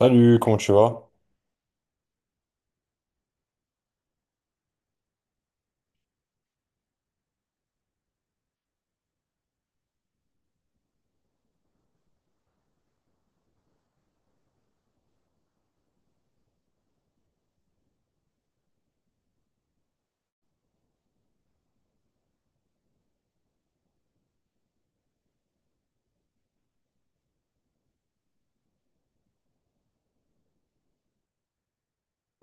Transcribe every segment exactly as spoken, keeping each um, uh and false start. Salut, comment tu vas?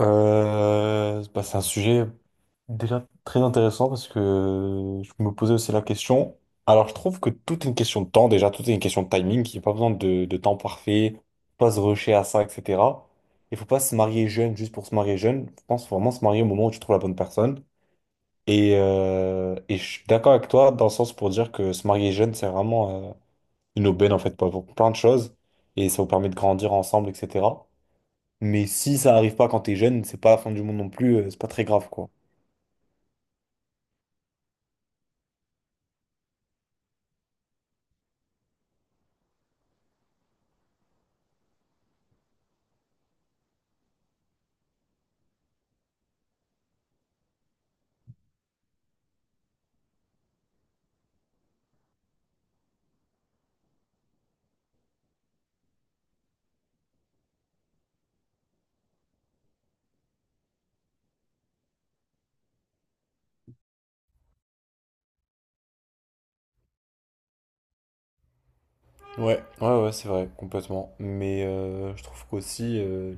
Euh, bah, c'est un sujet déjà très intéressant parce que je me posais aussi la question. Alors, je trouve que tout est une question de temps, déjà, tout est une question de timing. Il n'y a pas besoin de, de temps parfait, faut pas se rusher à ça, et cetera. Il faut pas se marier jeune juste pour se marier jeune. Je pense faut vraiment se marier au moment où tu trouves la bonne personne. Et, euh, et je suis d'accord avec toi dans le sens pour dire que se marier jeune, c'est vraiment euh, une aubaine en fait pour pour plein de choses et ça vous permet de grandir ensemble, et cetera. Mais si ça arrive pas quand t'es jeune, c'est pas la fin du monde non plus, euh, c'est pas très grave quoi. Ouais, ouais, ouais, c'est vrai, complètement. Mais euh, je trouve qu'aussi, euh,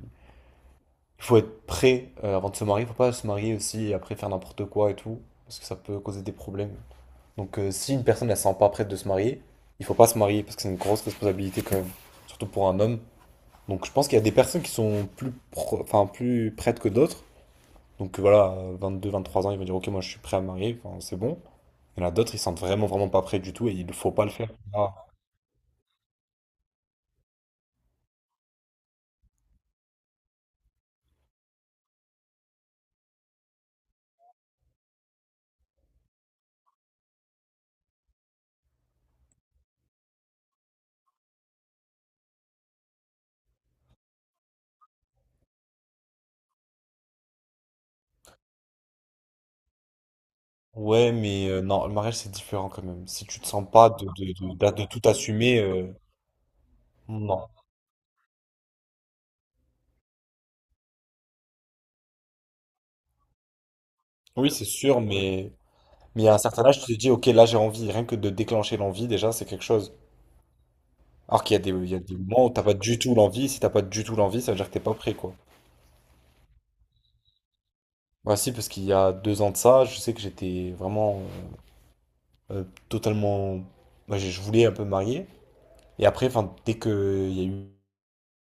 il faut être prêt euh, avant de se marier. Faut pas se marier aussi et après faire n'importe quoi et tout, parce que ça peut causer des problèmes. Donc euh, si une personne elle se sent pas prête de se marier, il faut pas se marier parce que c'est une grosse responsabilité quand même, surtout pour un homme. Donc je pense qu'il y a des personnes qui sont plus, pro- enfin plus prêtes que d'autres. Donc voilà, euh, vingt-deux, vingt-trois ans, ils vont dire ok, moi je suis prêt à me marier, enfin c'est bon. Il y en a d'autres, ils sentent vraiment, vraiment pas prêts du tout et il ne faut pas le faire. Ah. Ouais, mais euh, non, le mariage, c'est différent quand même. Si tu te sens pas de, de, de, d'a- de tout assumer, euh, non. Oui, c'est sûr, mais, mais à un certain âge, tu te dis, ok, là, j'ai envie. Rien que de déclencher l'envie, déjà, c'est quelque chose. Alors qu'il y a des, il y a des moments où t'as pas du tout l'envie. Si t'as pas du tout l'envie, ça veut dire que t'es pas prêt, quoi. Bah si, parce qu'il y a deux ans de ça, je sais que j'étais vraiment euh, euh, totalement. Moi, je je voulais un peu me marier. Et après, enfin, dès qu'il y a eu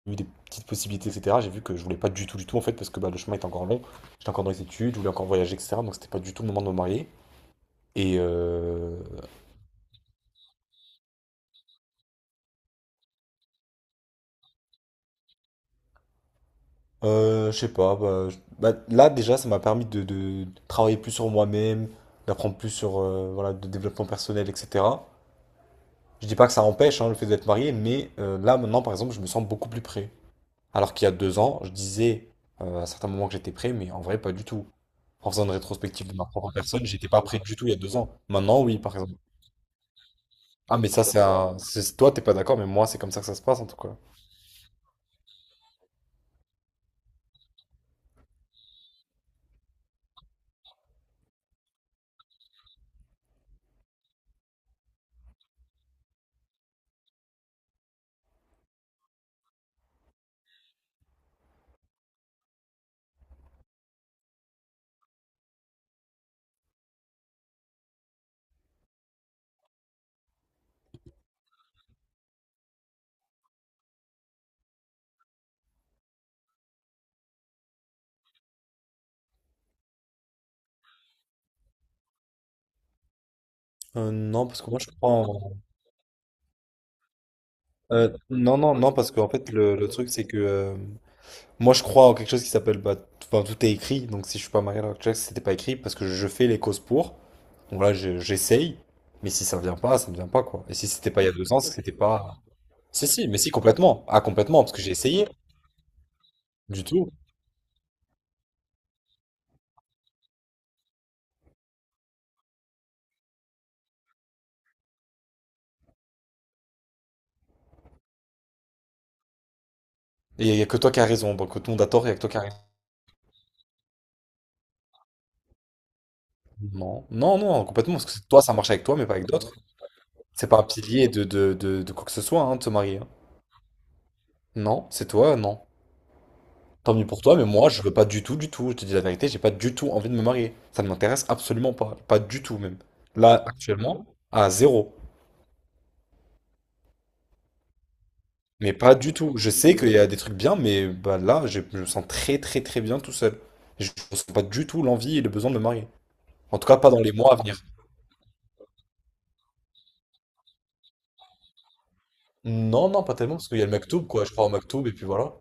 eu des petites possibilités, et cetera. J'ai vu que je voulais pas du tout, du tout, en fait, parce que bah, le chemin était encore long. J'étais encore dans les études, je voulais encore voyager, et cetera. Donc c'était pas du tout le moment de me marier. Et euh, euh, je sais pas, bah, je- bah, là déjà, ça m'a permis de, de travailler plus sur moi-même, d'apprendre plus sur euh, voilà, de développement personnel, et cetera. Je dis pas que ça empêche hein, le fait d'être marié, mais euh, là maintenant, par exemple, je me sens beaucoup plus prêt. Alors qu'il y a deux ans, je disais euh, à certains moments que j'étais prêt, mais en vrai, pas du tout. En faisant une rétrospective de ma propre personne, j'étais pas prêt du tout il y a deux ans. Maintenant, oui, par exemple. Ah, mais ça, c'est un. c'est- Toi, t'es pas d'accord, mais moi, c'est comme ça que ça se passe, en tout cas. Euh, non, parce que moi, je crois en. euh, non, non, non, parce qu'en fait, le, le truc, c'est que. euh, moi, je crois en quelque chose qui s'appelle. Bah, t- enfin, tout est écrit. Donc, si je suis pas marié à l'heure actuelle, c'était pas écrit, parce que je fais les causes pour. Donc là, je- j'essaye. Mais si ça vient pas, ça ne vient pas, quoi. Et si c'était pas il y a deux ans, c'est que c'était pas. Si, si, mais si, complètement. Ah, complètement, parce que j'ai essayé. Du tout. Et il n'y a que toi qui as raison, donc tout le monde a tort, il n'y a que toi qui as raison. Non, non, non, complètement, parce que c'est toi, ça marche avec toi, mais pas avec d'autres. C'est pas un pilier de, de, de, de quoi que ce soit, hein, de se marier, hein. Non, c'est toi, non. Tant mieux pour toi, mais moi, je veux pas du tout, du tout. Je te dis la vérité, j'ai pas du tout envie de me marier. Ça ne m'intéresse absolument pas. Pas du tout, même. Là, actuellement, à zéro. Mais pas du tout. Je sais qu'il y a des trucs bien, mais bah, là, je, je me sens très, très, très bien tout seul. Je ne ressens pas du tout l'envie et le besoin de me marier. En tout cas, pas dans les mois à venir. Non, non, pas tellement, parce qu'il y a le Maktoub, quoi. Je crois au Maktoub, et puis voilà.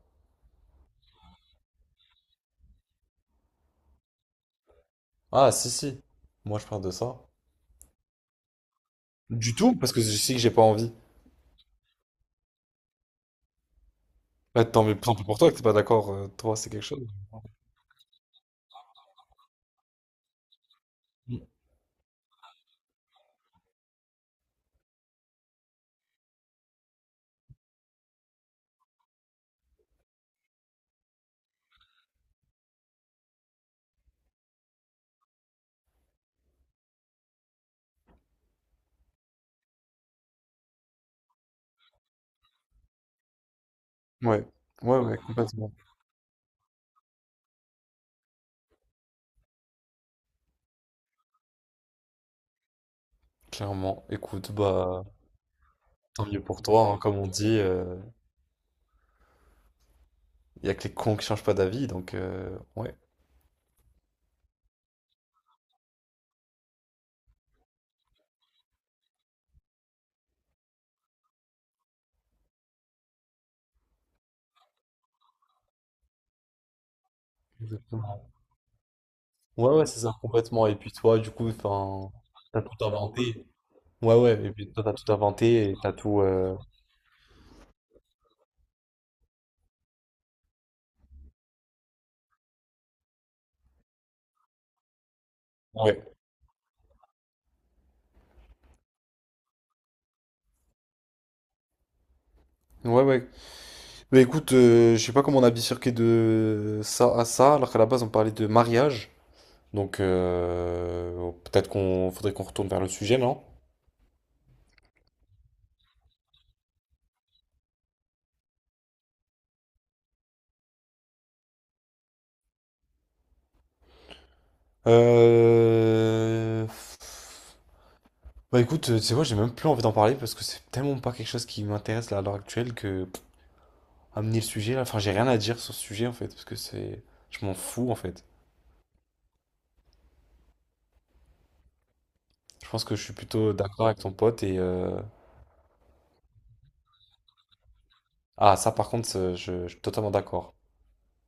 Ah, si, si. Moi, je parle de ça. Du tout, parce que je sais que j'ai pas envie. Bah, tant mieux tant pis pour toi que t'es pas d'accord. euh, toi, c'est quelque chose. Mm. Ouais. Ouais, ouais, complètement. Clairement. Écoute, bah, tant mieux pour toi, hein. Comme on dit, il y a que les cons qui changent pas d'avis, donc, euh, ouais. Exactement. Ouais, ouais, c'est ça, complètement. Et puis toi, du coup, enfin, t'as tout inventé. Ouais, ouais, et puis toi, t'as tout inventé et t'as tout. euh, Ouais. Ouais, ouais. Mais écoute, euh, je sais pas comment on a bifurqué de ça à ça, alors qu'à la base on parlait de mariage. Donc euh, peut-être qu'on faudrait qu'on retourne vers le sujet, non? Euh... Bah écoute, euh, tu sais quoi, j'ai même plus envie d'en parler parce que c'est tellement pas quelque chose qui m'intéresse là à l'heure actuelle que pff, amener le sujet là, enfin j'ai rien à dire sur ce sujet en fait, parce que c'est. Je m'en fous en fait. Je pense que je suis plutôt d'accord avec ton pote et. euh, Ah ça par contre, c'est- je je suis totalement d'accord.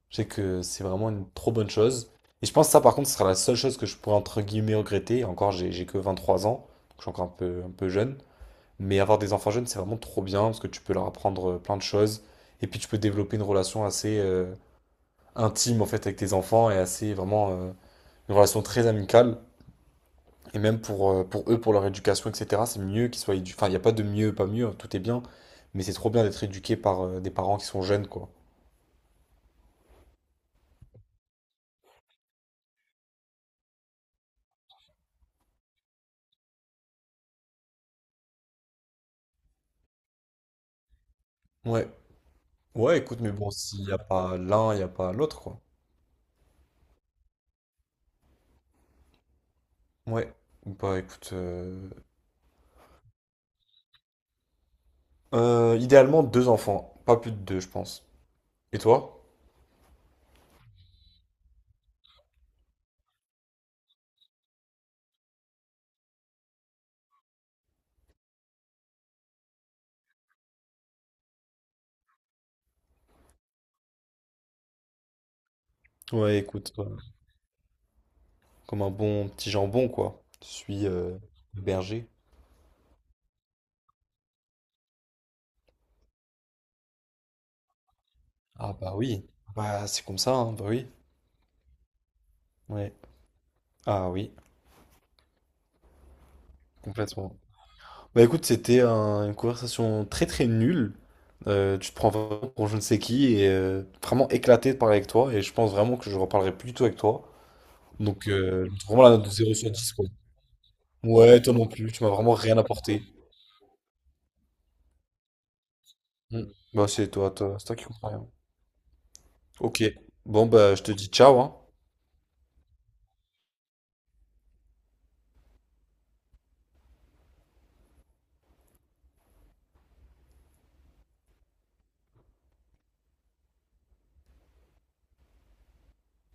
Je sais que c'est vraiment une trop bonne chose. Et je pense que ça, par contre, ce sera la seule chose que je pourrais entre guillemets regretter. Et Encore, j'ai j'ai que vingt-trois ans, donc je suis encore un peu, un peu jeune. Mais avoir des enfants jeunes, c'est vraiment trop bien parce que tu peux leur apprendre euh, plein de choses. Et puis tu peux développer une relation assez euh, intime en fait avec tes enfants et assez vraiment euh, une relation très amicale. Et même pour, euh, pour eux, pour leur éducation, et cetera, c'est mieux qu'ils soient éduqués. Enfin, il n'y a pas de mieux, pas mieux, hein, tout est bien. Mais c'est trop bien d'être éduqué par euh, des parents qui sont jeunes, quoi. Ouais. Ouais, écoute, mais bon, s'il n'y a pas l'un, il n'y a pas l'autre, quoi. Ouais. Bah écoute, euh, euh, idéalement deux enfants, pas plus de deux, je pense. Et toi? Ouais, écoute, euh, comme un bon petit jambon, quoi. Je suis euh, berger. Ah bah oui. Bah c'est comme ça, hein, bah oui. Ouais. Ah oui, complètement. Bah écoute, c'était un- une conversation très très nulle. Euh, tu te prends vraiment pour je ne sais qui et euh, vraiment éclaté de parler avec toi et je pense vraiment que je reparlerai plus du tout avec toi. Donc, euh, vraiment la note de zéro sur dix quoi. Ouais, toi non plus, tu m'as vraiment rien apporté. Hmm. Bah, c'est toi, toi, c'est toi qui comprends rien. Ok, bon, bah, je te dis ciao, hein.